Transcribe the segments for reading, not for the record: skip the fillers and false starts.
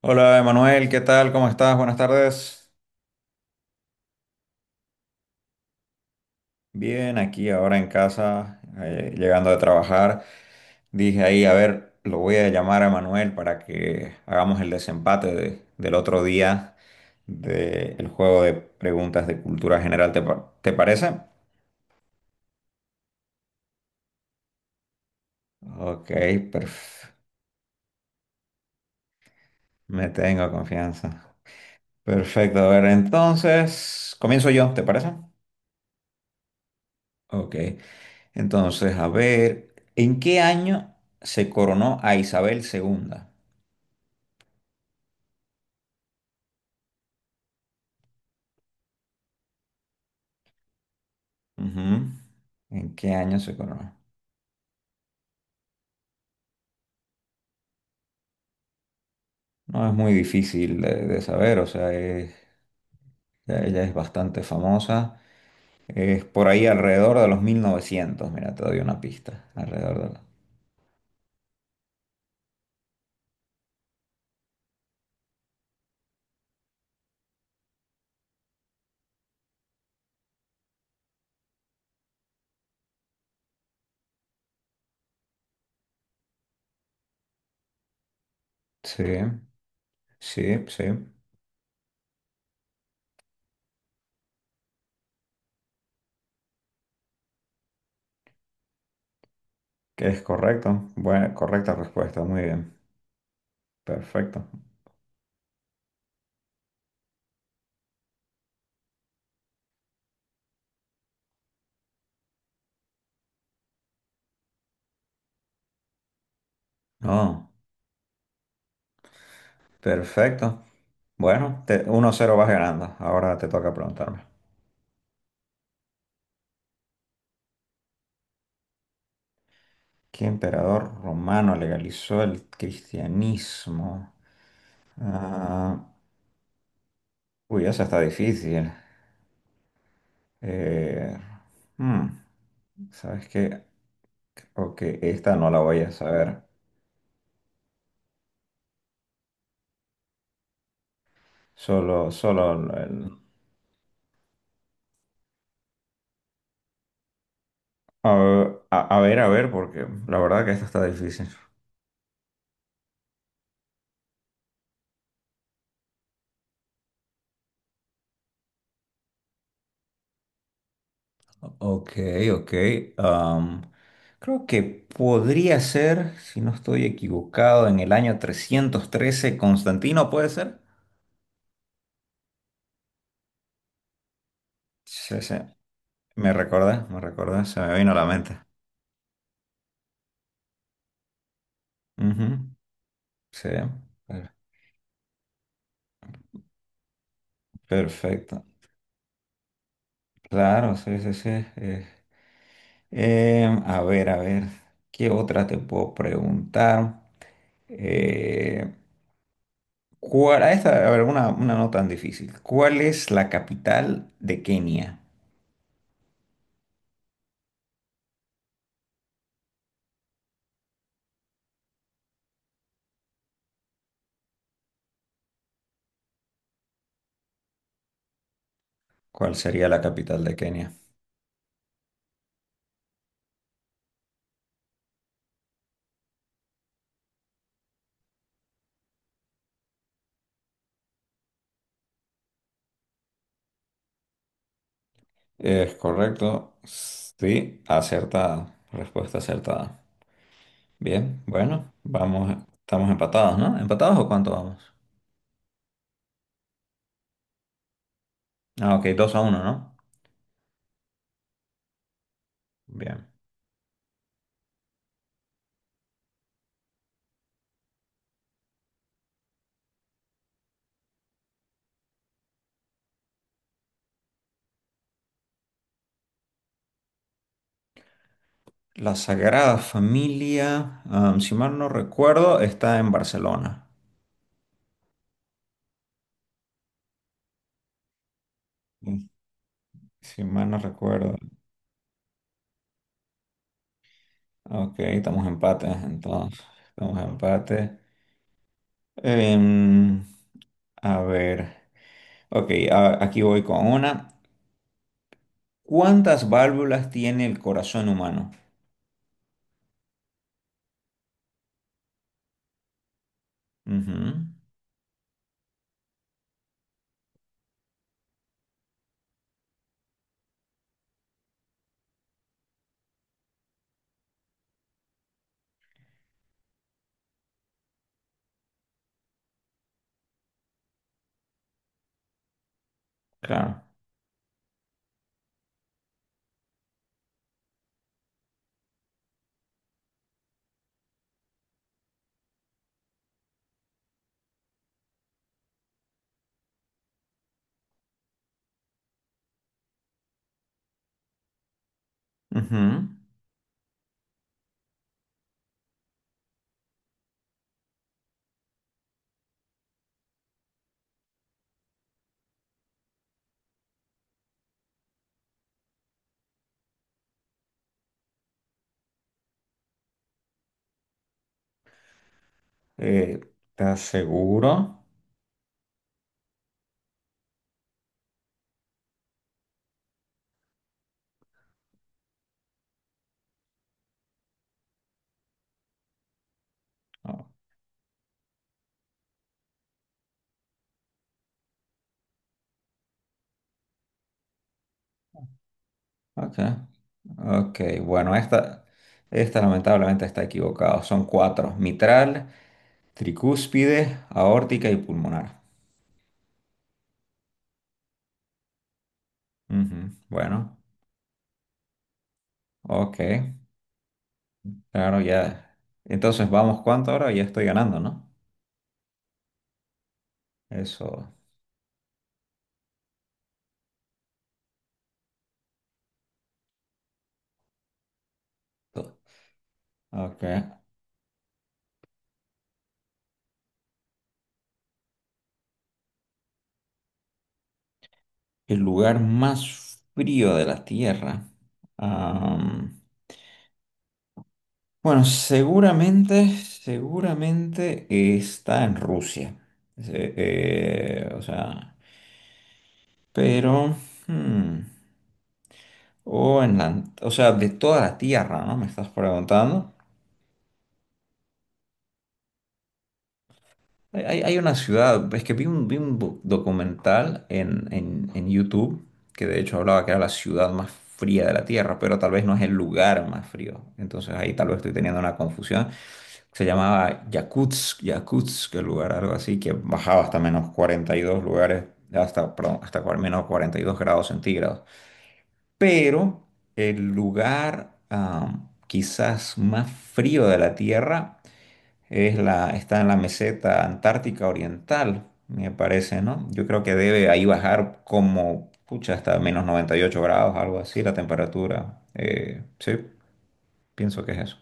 Hola Emanuel, ¿qué tal? ¿Cómo estás? Buenas tardes. Bien, aquí ahora en casa, llegando de trabajar. Dije ahí, a ver, lo voy a llamar a Emanuel para que hagamos el desempate del otro día del juego de preguntas de cultura general. ¿Te parece? Ok, perfecto. Me tengo confianza. Perfecto, a ver, entonces comienzo yo, ¿te parece? Ok. Entonces, a ver, ¿en qué año se coronó a Isabel II? Ujú. ¿En qué año se coronó? No es muy difícil de saber, o sea, ya ella es bastante famosa. Es por ahí alrededor de los 1900. Mira, te doy una pista. Alrededor de los- Sí, sí, sí, que es correcto. Buena, correcta respuesta, muy bien. Perfecto. No, perfecto. Bueno, te- 1-0 vas ganando. Ahora te toca preguntarme. ¿Qué emperador romano legalizó el cristianismo? Ah, uy, esa está difícil. Eh, hmm, ¿Sabes qué? Ok, esta no la voy a saber. Solo, solo el... A, a ver, porque la verdad que esta está difícil. Ok, ok. am, creo que podría ser, si no estoy equivocado, en el año 313 Constantino, ¿puede ser? Sí, sí. Me recuerda, se me vino a la mente. Ujú, sí, per- perfecto. Claro, sí, sí, sí. eh. A ver, ¿qué otra te puedo preguntar? Eh, ¿Cuál, a esta, a ver, una no tan difícil. ¿Cuál es la capital de Kenia? ¿Cuál sería la capital de Kenia? Es correcto, sí, acertado. Respuesta acertada. Bien, bueno, vamos, estamos empatados, ¿no? ¿Empatados o cuánto vamos? Ah, ok, dos a uno, ¿no? Bien. La Sagrada Familia, am, si mal no recuerdo, está en Barcelona. Mm, si mal no recuerdo. Ok, estamos empates, entonces. Estamos empates. Em, a ver. Ok, aquí voy con una. ¿Cuántas válvulas tiene el corazón humano? Ujú, claro. Ujú. Eh, ¿Estás seguro? Oh, ok. Ok, bueno, esta lamentablemente está equivocado. Son cuatro: mitral, tricúspide, aórtica y pulmonar. Ujú, bueno, ok, claro, ya. Entonces, vamos, ¿cuánto ahora? Ya estoy ganando, ¿no? Eso. to- Ok. El lugar más frío de la Tierra. Am, bueno, seguramente, seguramente está en Rusia. O sea, pero. Hmm, o en la, o sea, de toda la Tierra, ¿no? Me estás preguntando. Hay, hay una ciudad, es que vi un documental en YouTube que de hecho hablaba que era la ciudad más fría de la Tierra, pero tal vez no es el lugar más frío. Entonces ahí tal vez estoy teniendo una confusión. Se llamaba Yakutsk, Yakutsk, el lugar, algo así, que bajaba hasta menos 42 lugares, hasta, perdón, hasta menos 42 grados centígrados. Pero el lugar quizás más frío de la Tierra es la, está en la meseta antártica oriental, me parece, ¿no? Yo creo que debe ahí bajar como, pucha, hasta menos 98 grados, algo así, la temperatura. Sí, pienso que es eso.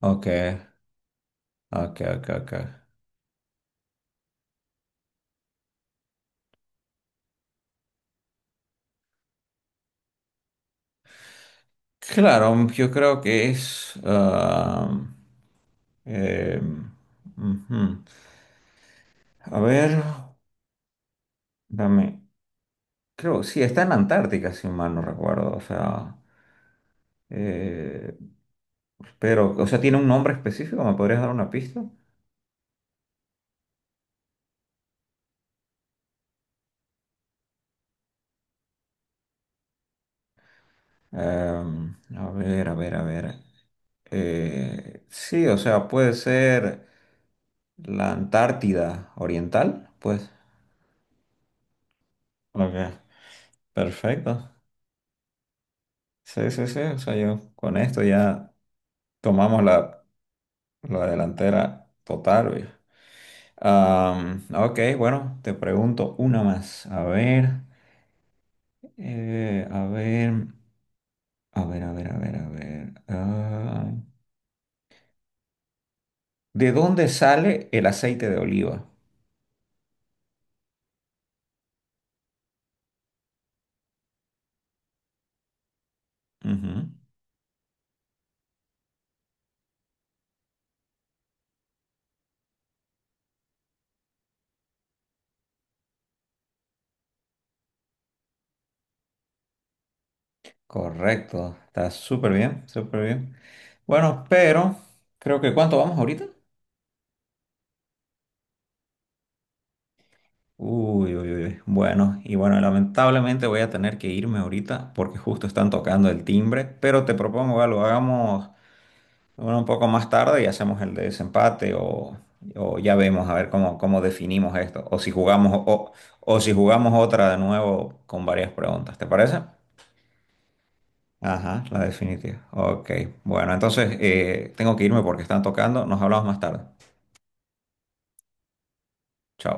Ok, ok, ok, ok. Claro, yo creo que es... em, ujú. A ver, dame creo, sí, está en la Antártica, si mal no recuerdo. O sea, eh, pero, o sea, ¿tiene un nombre específico? ¿Me podrías dar una pista? A ver, a ver, a ver. Sí, o sea, puede ser la Antártida Oriental, pues. Ok, perfecto. Sí, sí, sí. O sea, yo con esto ya tomamos la, la delantera total, güey. Am, ok, bueno, te pregunto una más. A ver, a ver. A ver, a ver, a ver, a ver. Ah, ¿de dónde sale el aceite de oliva? Ujú. Correcto, está súper bien, súper bien. Bueno, pero creo que ¿cuánto vamos ahorita? Uy, uy, uy. Bueno, y bueno, lamentablemente voy a tener que irme ahorita porque justo están tocando el timbre, pero te propongo algo, hagamos bueno, un poco más tarde y hacemos el de desempate o ya vemos a ver cómo, cómo definimos esto. O si jugamos otra de nuevo con varias preguntas, ¿te parece? Ajá, la definitiva. Ok. Bueno, entonces tengo que irme porque están tocando. Nos hablamos más tarde. Chao.